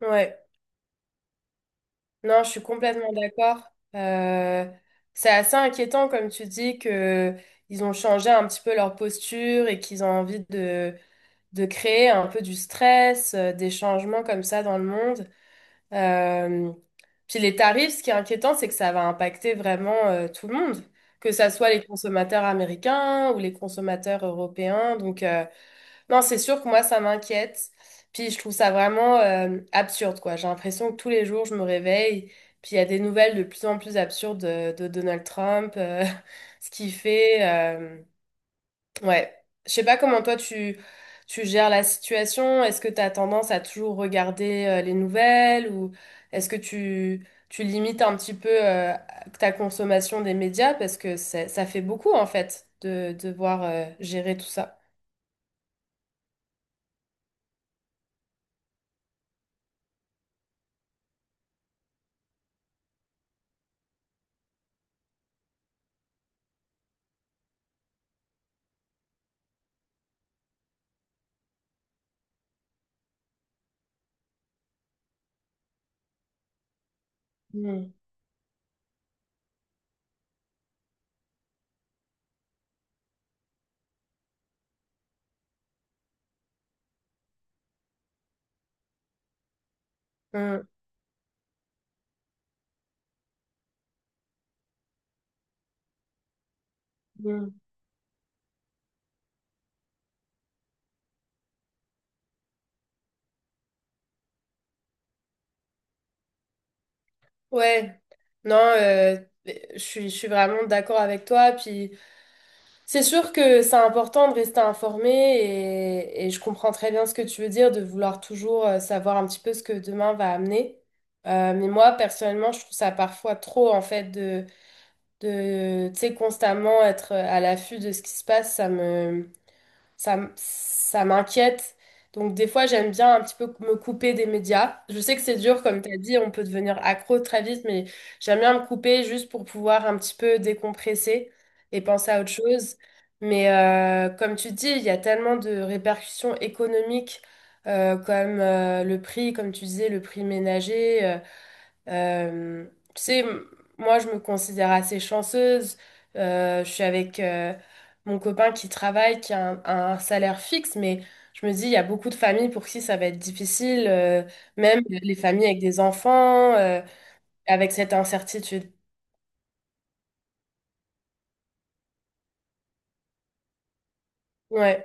Ouais, non, je suis complètement d'accord. Euh, c'est assez inquiétant, comme tu dis, que ils ont changé un petit peu leur posture et qu'ils ont envie de créer un peu du stress, des changements comme ça dans le monde. Euh, Puis les tarifs, ce qui est inquiétant, c'est que ça va impacter vraiment tout le monde, que ça soit les consommateurs américains ou les consommateurs européens. Donc, non, c'est sûr que moi, ça m'inquiète. Puis je trouve ça vraiment absurde, quoi. J'ai l'impression que tous les jours, je me réveille, puis il y a des nouvelles de plus en plus absurdes de Donald Trump, ce qu'il fait. euh, ouais. Je sais pas comment toi, tu gères la situation. Est-ce que tu as tendance à toujours regarder les nouvelles ou est-ce que tu limites un petit peu ta consommation des médias? Parce que ça fait beaucoup, en fait, de devoir gérer tout ça. Mm, mm, mm. Ouais, non, je suis vraiment d'accord avec toi. Puis c'est sûr que c'est important de rester informé et je comprends très bien ce que tu veux dire, de vouloir toujours savoir un petit peu ce que demain va amener. Mais moi, personnellement, je trouve ça parfois trop, en fait, de, tu sais, constamment être à l'affût de ce qui se passe. Ça m'inquiète. Donc des fois, j'aime bien un petit peu me couper des médias. Je sais que c'est dur, comme tu as dit, on peut devenir accro très vite, mais j'aime bien me couper juste pour pouvoir un petit peu décompresser et penser à autre chose. Mais comme tu dis, il y a tellement de répercussions économiques comme le prix, comme tu disais, le prix ménager. euh, tu sais, moi, je me considère assez chanceuse. Je suis avec mon copain qui travaille, qui a un salaire fixe, mais je me dis, il y a beaucoup de familles pour qui ça va être difficile, même les familles avec des enfants, avec cette incertitude. Ouais.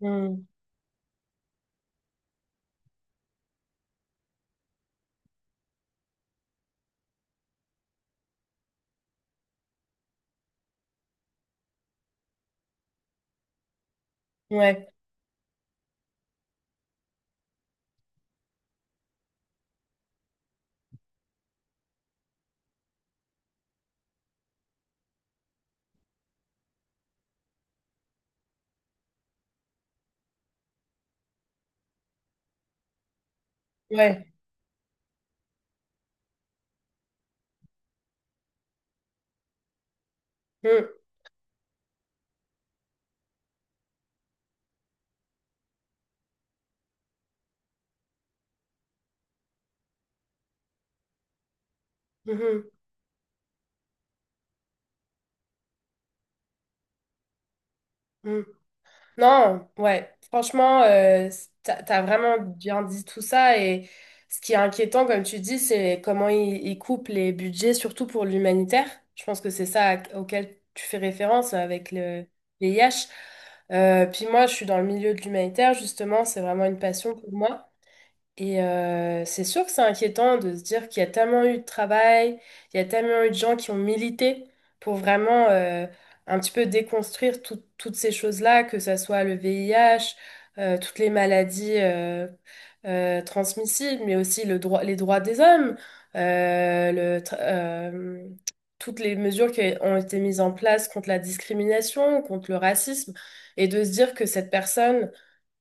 Mm. Ouais, ouais. Mm. Mhm. Mm. Non, ouais. Franchement, t'as vraiment bien dit tout ça. Et ce qui est inquiétant, comme tu dis, c'est comment ils coupent les budgets, surtout pour l'humanitaire. Je pense que c'est ça auquel tu fais référence avec le VIH. Puis moi, je suis dans le milieu de l'humanitaire, justement. C'est vraiment une passion pour moi. Et c'est sûr que c'est inquiétant de se dire qu'il y a tellement eu de travail, il y a tellement eu de gens qui ont milité pour vraiment un petit peu déconstruire toutes ces choses-là, que ça soit le VIH, toutes les maladies transmissibles, mais aussi le droit, les droits des hommes, euh, le tra- euh, toutes les mesures qui ont été mises en place contre la discrimination, contre le racisme, et de se dire que cette personne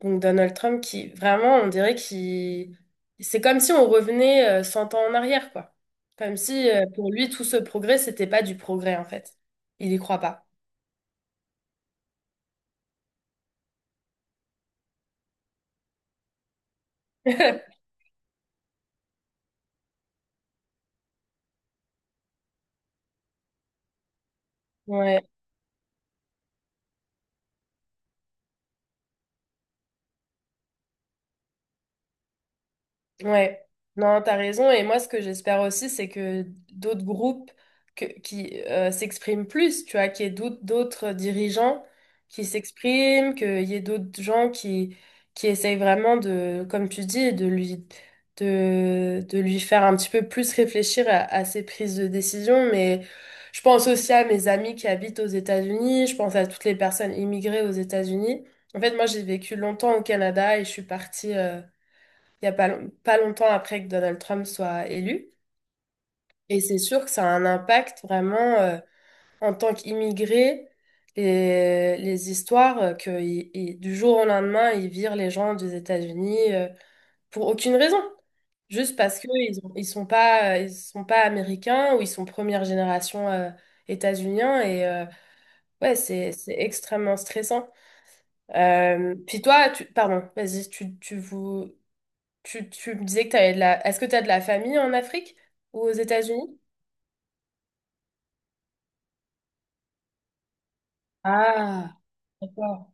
donc Donald Trump qui, vraiment, on dirait qu'il... C'est comme si on revenait 100 ans en arrière, quoi. Comme si pour lui, tout ce progrès, c'était pas du progrès, en fait. Il y croit pas. Ouais. Ouais, non, t'as raison. Et moi, ce que j'espère aussi, c'est que d'autres groupes qui s'expriment plus, tu vois, qu'il y ait d'autres dirigeants qui s'expriment, qu'il y ait d'autres gens qui essayent vraiment de, comme tu dis, de lui faire un petit peu plus réfléchir à ses prises de décision. Mais je pense aussi à mes amis qui habitent aux États-Unis, je pense à toutes les personnes immigrées aux États-Unis. En fait, moi, j'ai vécu longtemps au Canada et je suis partie. Il n'y a pas longtemps après que Donald Trump soit élu. Et c'est sûr que ça a un impact vraiment en tant qu'immigré, les histoires que du jour au lendemain, ils virent les gens des États-Unis pour aucune raison. Juste parce que ils sont pas américains ou ils sont première génération états-uniens. Et ouais, c'est extrêmement stressant. Puis toi, pardon, vas-y, tu vous... Tu me disais que t'avais de la... Est-ce que tu as de la famille en Afrique ou aux États-Unis? Ah, d'accord.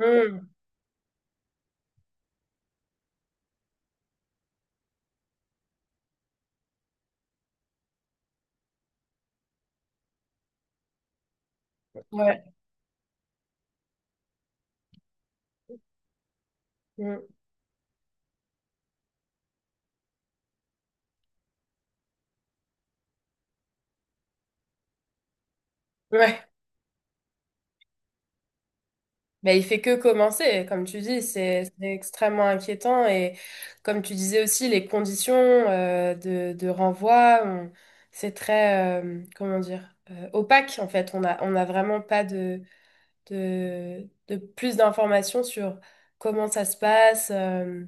Hmm. Ouais. Hmm. Ouais. Ben, il fait que commencer, comme tu dis, c'est extrêmement inquiétant. Et comme tu disais aussi, les conditions de renvoi, c'est très, comment dire, opaque en fait. On on a vraiment pas de... de plus d'informations sur comment ça se passe.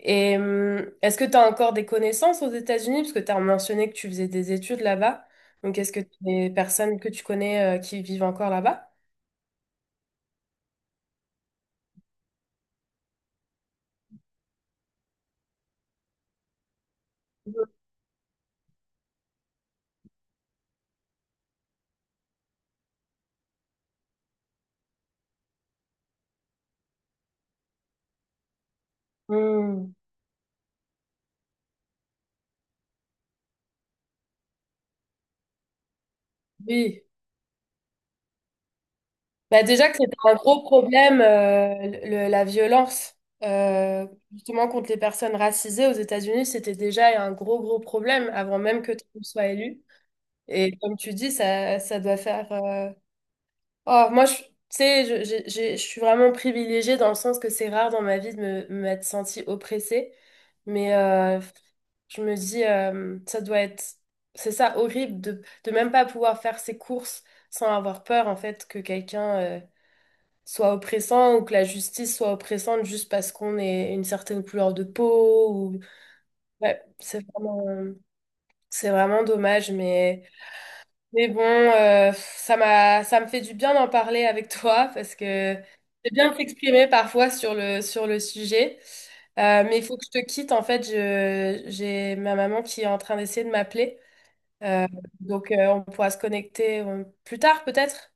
Et est-ce que tu as encore des connaissances aux États-Unis? Parce que tu as mentionné que tu faisais des études là-bas. Donc, est-ce que tu as des personnes que tu connais qui vivent encore là-bas? Hum. Oui. Bah déjà que c'était un gros problème, la violence, euh, justement contre les personnes racisées aux États-Unis, c'était déjà un gros, gros problème avant même que Trump soit élu. Et comme tu dis, ça doit faire, oh, moi, tu sais, je suis vraiment privilégiée dans le sens que c'est rare dans ma vie de m'être sentie oppressée. Mais je me dis, ça doit être, c'est ça, horrible de même pas pouvoir faire ses courses sans avoir peur, en fait, que quelqu'un soit oppressant ou que la justice soit oppressante juste parce qu'on est une certaine couleur de peau. Ou... Ouais, c'est vraiment dommage, mais. Mais bon, ça me fait du bien d'en parler avec toi parce que c'est bien de s'exprimer parfois sur le sujet. Mais il faut que je te quitte. En fait, je, j'ai ma maman qui est en train d'essayer de m'appeler. Euh, donc, on pourra se connecter plus tard peut-être.